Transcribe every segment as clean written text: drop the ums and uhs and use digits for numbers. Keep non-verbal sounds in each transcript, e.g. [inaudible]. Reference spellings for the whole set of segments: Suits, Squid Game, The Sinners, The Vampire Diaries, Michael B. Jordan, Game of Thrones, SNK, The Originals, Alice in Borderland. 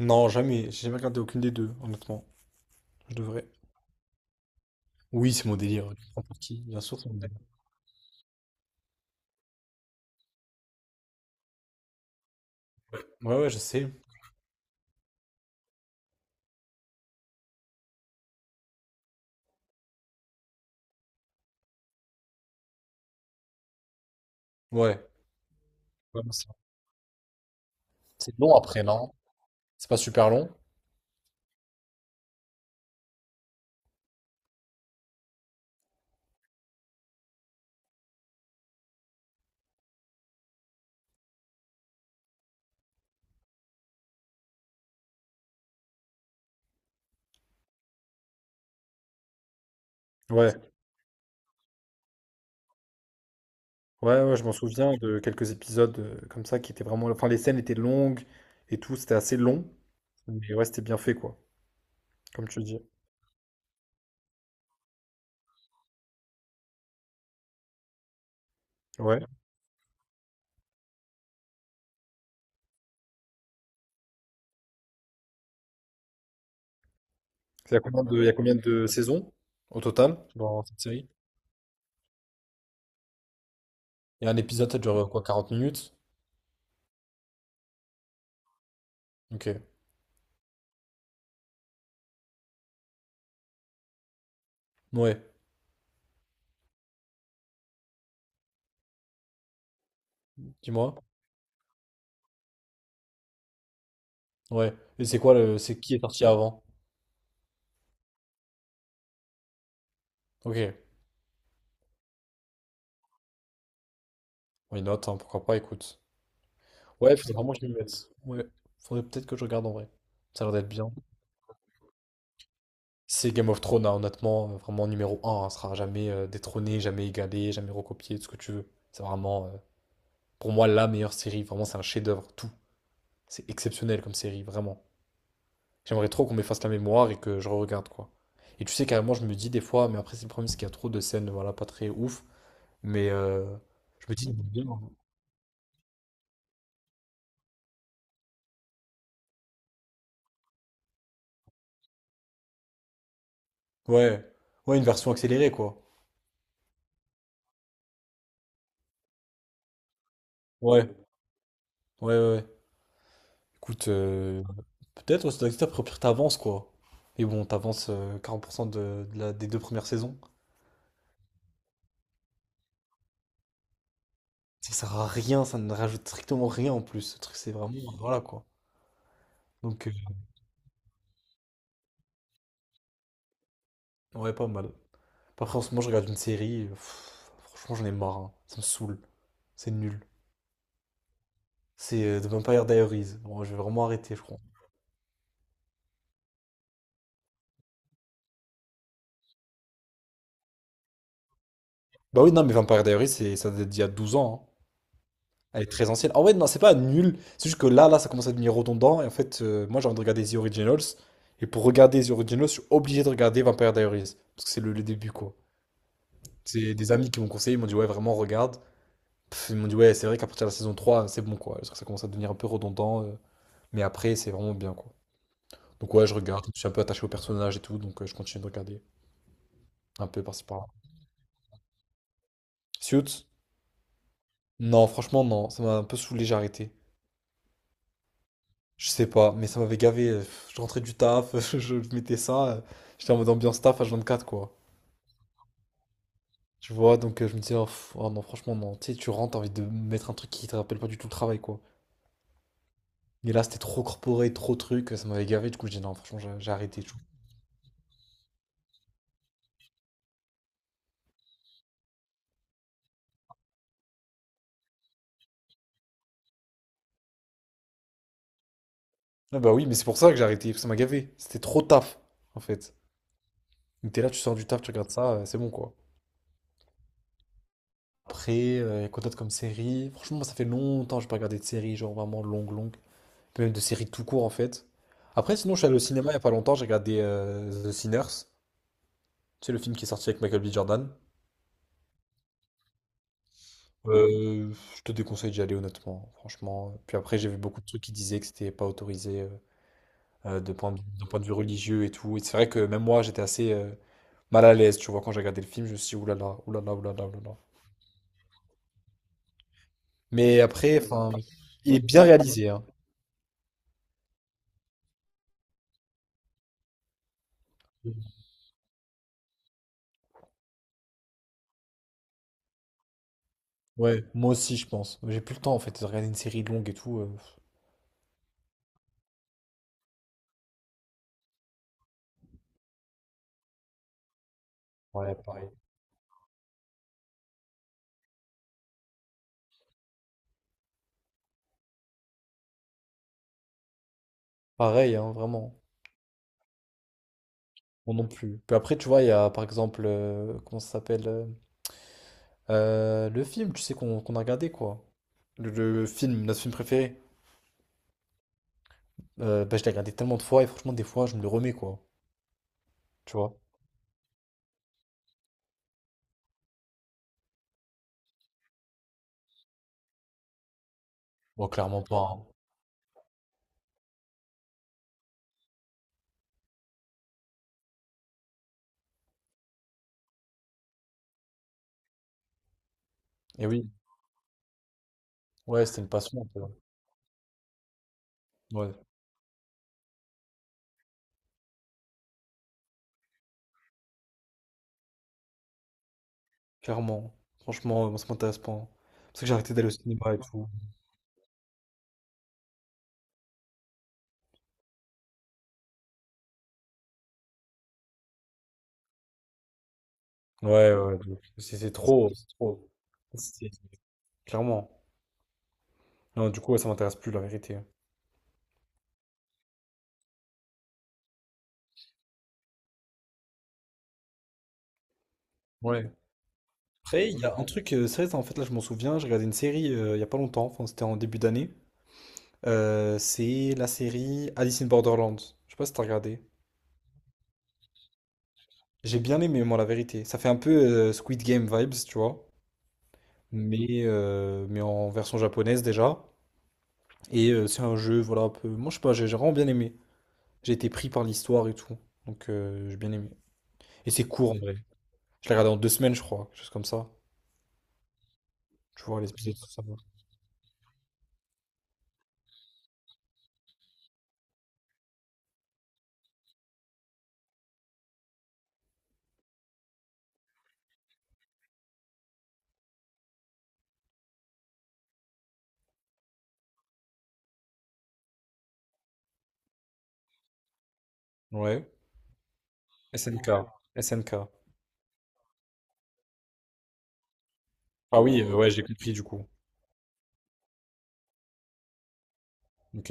Non, jamais. J'ai jamais regardé aucune des deux, honnêtement. Je devrais. Oui, c'est mon délire. En partie. Bien sûr, c'est mon délire. Ouais, ouais, je sais. Ouais. Vraiment ça. C'est long après, non? C'est pas super long? Ouais. Ouais, ouais, je m'en souviens de quelques épisodes comme ça qui étaient vraiment. Enfin, les scènes étaient longues et tout. C'était assez long. Mais ouais, c'était bien fait, quoi. Comme tu dis. Ouais. Il y a combien de, il y a combien de saisons au total dans cette série? Et un épisode, ça dure quoi, 40 minutes? Ok. Ouais. Dis-moi. Ouais. Et c'est quoi le. C'est qui est parti avant? Ok. Oui, note, hein, pourquoi pas, écoute. Ouais, faudrait vraiment que je m'y mette. Ouais, faudrait peut-être que je regarde en vrai. Ça a l'air d'être bien. C'est Game of Thrones, hein, honnêtement, vraiment numéro un, hein. Ça sera jamais détrôné, jamais égalé, jamais recopié, tout ce que tu veux. C'est vraiment, pour moi, la meilleure série. Vraiment, c'est un chef-d'œuvre, tout. C'est exceptionnel comme série, vraiment. J'aimerais trop qu'on m'efface la mémoire et que je re-regarde, quoi. Et tu sais, carrément, je me dis des fois, mais après, c'est le problème, c'est qu'il y a trop de scènes, voilà, pas très ouf. Mais je me dis, ouais, ouais, une version accélérée, quoi. Ouais, ouais, ouais, ouais. Écoute, peut-être ouais, ça doit exister, après, au pire, t'avances, quoi. Mais bon, t'avances 40% des deux premières saisons. Ça sert à rien, ça ne rajoute strictement rien en plus. Ce truc, c'est vraiment. Voilà, quoi. Donc, ouais, pas mal. Après, en ce moment, je regarde une série. Franchement, j'en ai marre, hein. Ça me saoule. C'est nul. C'est The Vampire Diaries. Bon, je vais vraiment arrêter, je crois. Bah oui, non, mais Vampire Diaries, ça date d'il y a 12 ans, hein. Elle est très ancienne. En vrai, non, c'est pas nul. C'est juste que là, là, ça commence à devenir redondant. Et en fait, moi, j'ai envie de regarder The Originals. Et pour regarder The Originals, je suis obligé de regarder Vampire Diaries. Parce que c'est le début, quoi. C'est des amis qui m'ont conseillé. Ils m'ont dit, ouais, vraiment, regarde. Ils m'ont dit, ouais, c'est vrai qu'à partir de la saison 3, c'est bon, quoi. Parce que ça commence à devenir un peu redondant. Mais après, c'est vraiment bien, quoi. Donc, ouais, je regarde. Je suis un peu attaché au personnage et tout. Donc, je continue de regarder. Un peu par-ci par-là. Suits? Non, franchement, non. Ça m'a un peu saoulé, j'ai arrêté. Je sais pas, mais ça m'avait gavé. Je rentrais du taf, [laughs] je mettais ça. J'étais en mode ambiance taf H24, quoi. Tu vois, donc je me disais, oh, oh non, franchement, non. Tu sais, tu rentres, t'as envie de mettre un truc qui te rappelle pas du tout le travail, quoi. Mais là, c'était trop corporé, trop truc, ça m'avait gavé. Du coup, je dis, non, franchement, j'ai arrêté, tu vois. Ah bah oui, mais c'est pour ça que j'ai arrêté, parce que ça m'a gavé. C'était trop taf, en fait. Donc t'es là, tu sors du taf, tu regardes ça, c'est bon, quoi. Après, il y a quoi d'autre comme série? Franchement, moi, ça fait longtemps que j'ai pas regardé de série, genre vraiment longue, longue. Puis même de séries tout court en fait. Après, sinon, je suis allé au cinéma il n'y a pas longtemps, j'ai regardé The Sinners. C'est le film qui est sorti avec Michael B. Jordan. Je te déconseille d'y aller honnêtement, franchement. Puis après, j'ai vu beaucoup de trucs qui disaient que c'était pas autorisé de d'un point de vue religieux et tout. Et c'est vrai que même moi, j'étais assez mal à l'aise, tu vois, quand j'ai regardé le film, je me suis dit oulala, oulala, oulala, oulala. Mais après, enfin, il est bien réalisé, hein. Ouais, moi aussi, je pense. J'ai plus le temps en fait de regarder une série longue et tout. Ouais, pareil. Pareil, hein, vraiment. Moi non plus. Puis après, tu vois, il y a par exemple, comment ça s'appelle le film, tu sais, qu'on a regardé, quoi. Le film, notre film préféré. Bah, je l'ai regardé tellement de fois et franchement, des fois, je me le remets, quoi. Tu vois? Bon, clairement pas, hein. Eh oui, ouais, c'était une passion, un peu. Ouais, clairement. Franchement, moi, ça m'intéresse pas, hein. C'est pour ça que j'ai arrêté d'aller au cinéma et tout. Ouais, ouais, de ouf. C'est trop, c'est trop. C'est- Clairement. Non, du coup, ouais, ça m'intéresse plus, la vérité. Ouais. Après, il y a un truc, c'est vrai, en fait, là, je m'en souviens, j'ai regardé une série il y a pas longtemps, enfin, c'était en début d'année. C'est la série Alice in Borderland. Je sais pas si t'as regardé. J'ai bien aimé, moi, la vérité. Ça fait un peu Squid Game vibes, tu vois, mais en version japonaise déjà. Et c'est un jeu, voilà, un peu. Moi, je sais pas, j'ai vraiment bien aimé. J'ai été pris par l'histoire et tout, donc j'ai bien aimé. Et c'est court, en vrai. Je l'ai regardé en 2 semaines, je crois, quelque chose comme ça. Tu vois, les épisodes, ça va. Ouais. SNK. SNK. Ah oui, ouais, j'ai compris du coup. Ok,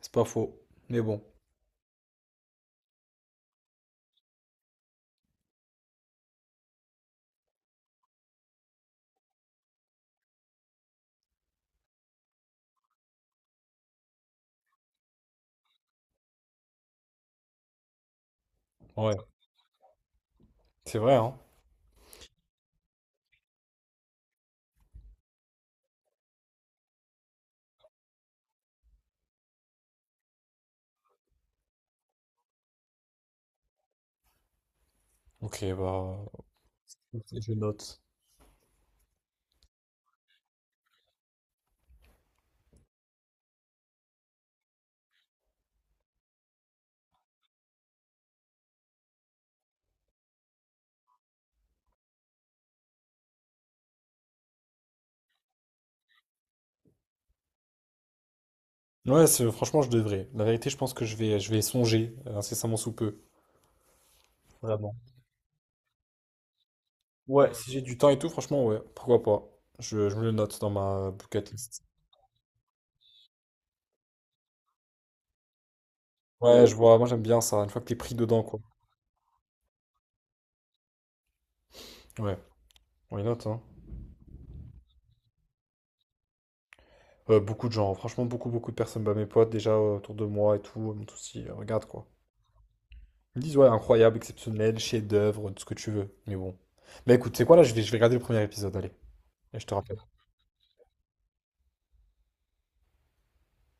c'est pas faux. Mais bon, ouais, c'est vrai, hein. Ok, bah, ok, je note. Ouais, franchement, je devrais. La vérité, je pense que je vais songer incessamment sous peu. Vraiment. Ouais, si j'ai du temps et tout, franchement, ouais, pourquoi pas. Je me le note dans ma bucket list. Ouais, je vois, moi j'aime bien ça, une fois que t'es pris dedans, quoi. Ouais, on les note, hein. Beaucoup de gens, franchement, beaucoup, beaucoup de personnes, bah, mes potes déjà autour de moi et tout, ils m'ont tous dit, regarde quoi. Ils me disent, ouais, incroyable, exceptionnel, chef-d'œuvre, tout ce que tu veux. Mais bon. Bah écoute, c'est quoi là, je vais regarder le premier épisode, allez. Je te rappelle.